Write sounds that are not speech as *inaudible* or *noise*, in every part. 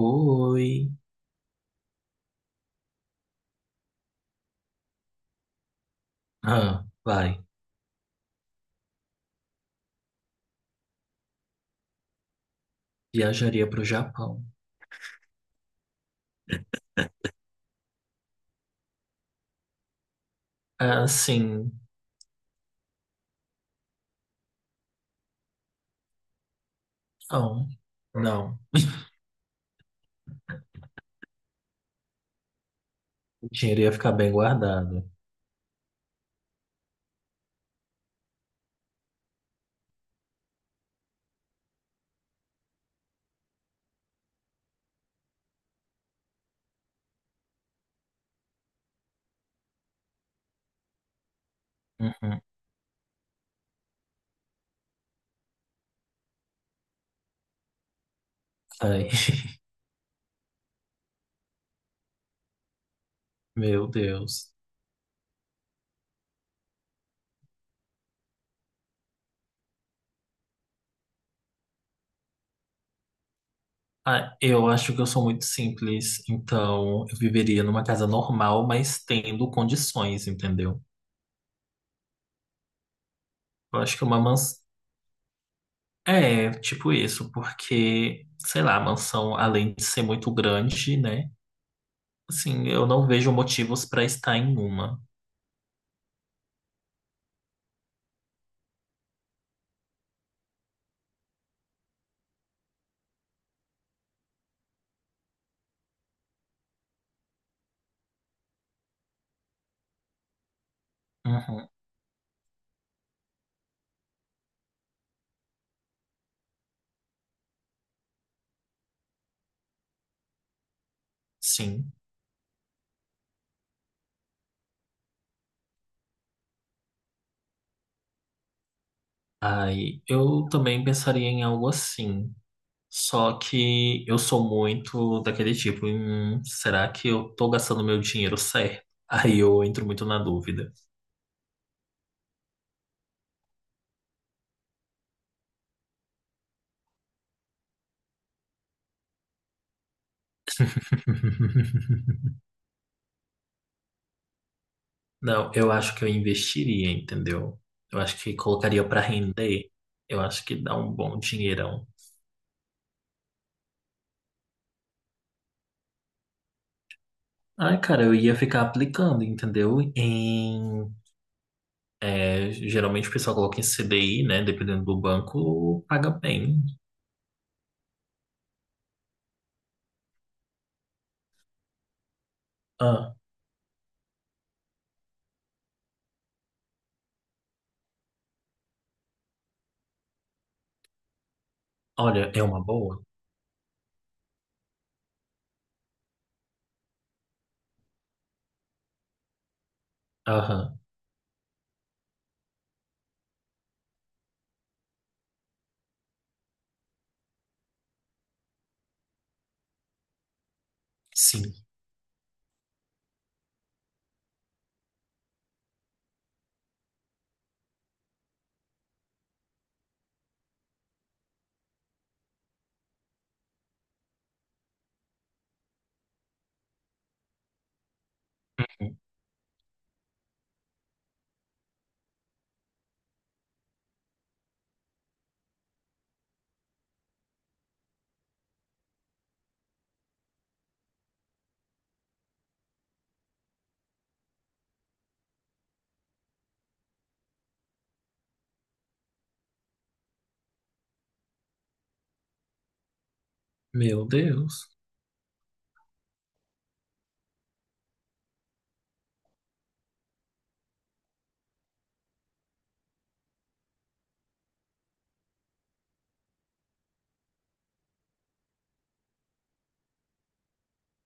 Oi. Ah, vai. Viajaria para o Japão. Ah, sim. Não. Não. O dinheiro ia ficar bem guardado. Uhum. Ai, *laughs* meu Deus. Ah, eu acho que eu sou muito simples, então eu viveria numa casa normal, mas tendo condições, entendeu? Eu acho que uma mansão. É, tipo isso, porque, sei lá, a mansão, além de ser muito grande, né? Assim, eu não vejo motivos para estar em uma. Uhum, sim. Ai, eu também pensaria em algo assim. Só que eu sou muito daquele tipo, será que eu tô gastando meu dinheiro certo? Aí eu entro muito na dúvida. *laughs* Não, eu acho que eu investiria, entendeu? Eu acho que colocaria pra render. Eu acho que dá um bom dinheirão. Ai, cara, eu ia ficar aplicando, entendeu? Geralmente o pessoal coloca em CDI, né? Dependendo do banco, paga bem. Ah, olha, é uma boa. Aham, sim. Meu Deus.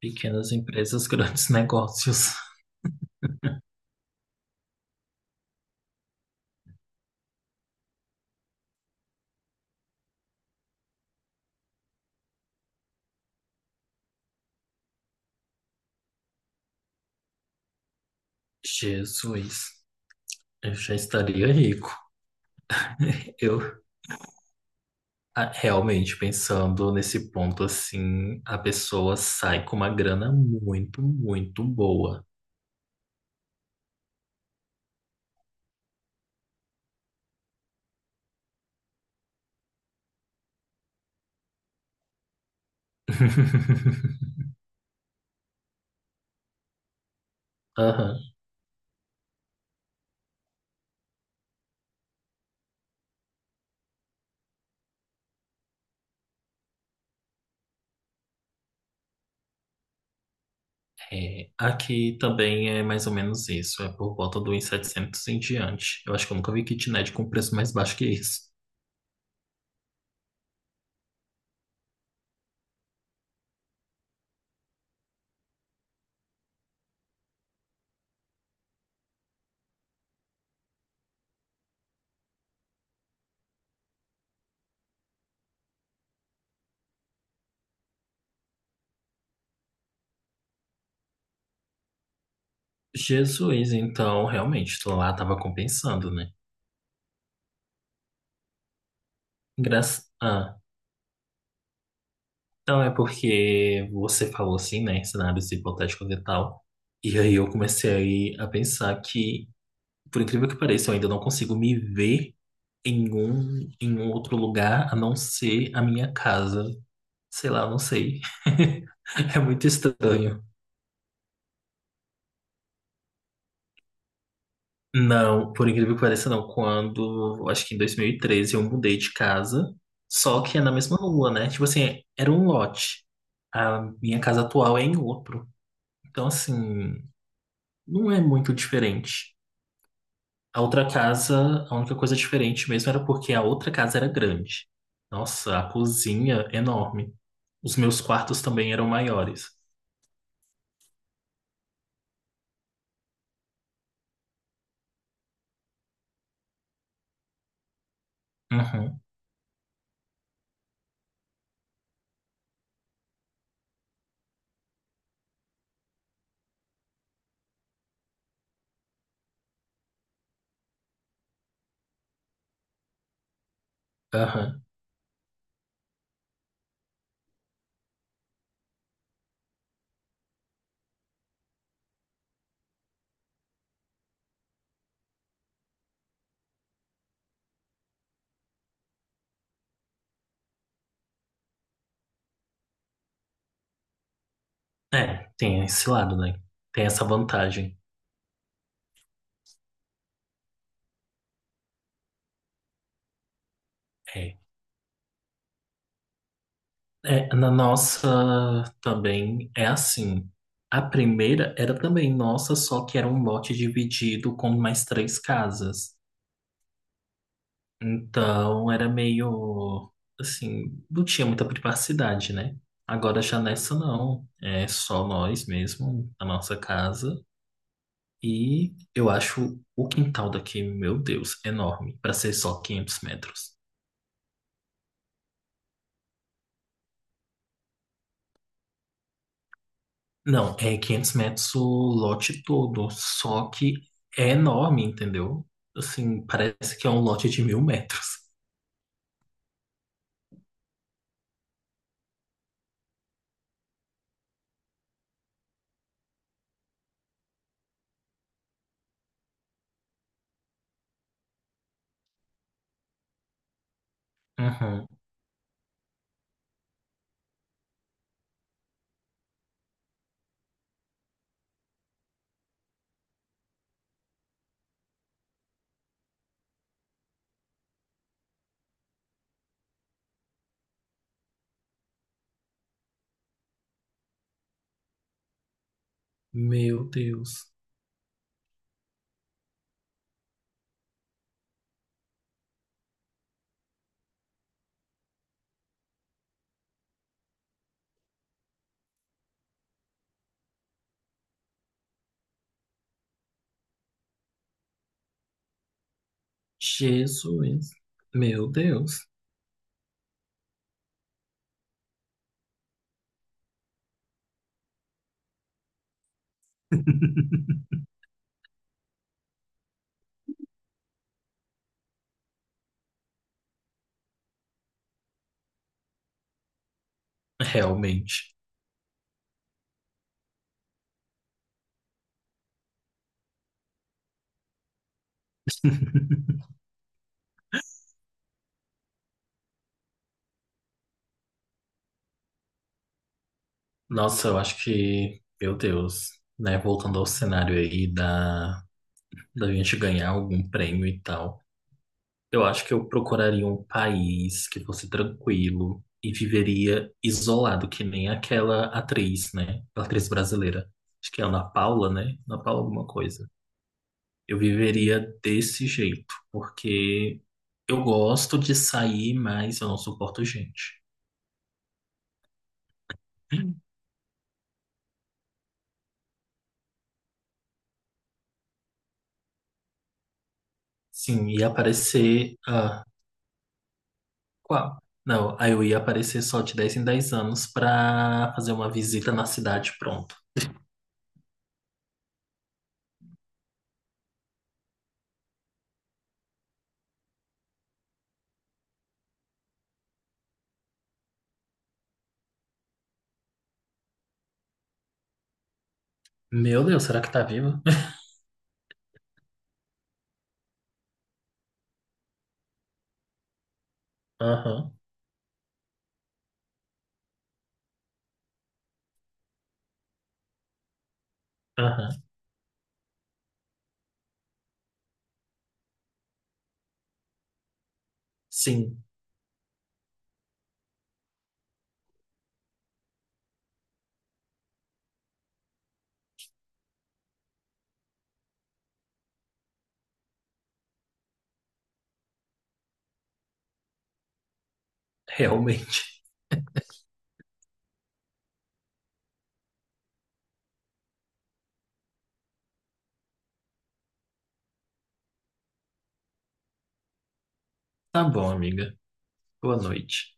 Pequenas empresas, grandes *laughs* negócios. Jesus, eu já estaria rico. *laughs* Eu realmente pensando nesse ponto assim, a pessoa sai com uma grana muito, muito boa. *laughs* Aham, é, aqui também é mais ou menos isso, é por volta do 1.700 em diante. Eu acho que eu nunca vi kitnet com preço mais baixo que isso. Jesus, então realmente, lá tava compensando, né? Engraça... Ah, então é porque você falou assim, né, em cenários hipotéticos e tal. E aí eu comecei a pensar que, por incrível que pareça, eu ainda não consigo me ver em um outro lugar a não ser a minha casa. Sei lá, não sei. *laughs* É muito estranho. Não, por incrível que pareça, não. Quando, acho que em 2013, eu mudei de casa, só que é na mesma rua, né? Tipo assim, era um lote. A minha casa atual é em outro. Então, assim. Não é muito diferente. A outra casa, a única coisa diferente mesmo era porque a outra casa era grande. Nossa, a cozinha enorme. Os meus quartos também eram maiores. Uhum, aham. É, tem esse lado, né? Tem essa vantagem. É. É, na nossa também é assim. A primeira era também nossa, só que era um lote dividido com mais três casas. Então, era meio assim, não tinha muita privacidade, né? Agora já nessa não, é só nós mesmo, a nossa casa. E eu acho o quintal daqui, meu Deus, enorme, para ser só 500 metros. Não, é 500 metros o lote todo, só que é enorme, entendeu? Assim, parece que é um lote de 1.000 metros. Uhum. Meu Deus, Jesus, meu Deus, *laughs* realmente. Nossa, eu acho que, meu Deus, né? Voltando ao cenário aí da gente ganhar algum prêmio e tal, eu acho que eu procuraria um país que fosse tranquilo e viveria isolado, que nem aquela atriz, né? A atriz brasileira. Acho que é a Ana Paula, né? Ana Paula alguma coisa. Eu viveria desse jeito, porque eu gosto de sair, mas eu não suporto gente. Sim, e aparecer. Qual? Não, aí eu ia aparecer só de 10 em 10 anos pra fazer uma visita na cidade, pronto. Meu Deus, será que tá viva? *laughs* Aham, aham. Sim, *laughs* realmente. Tá bom, amiga. Boa noite.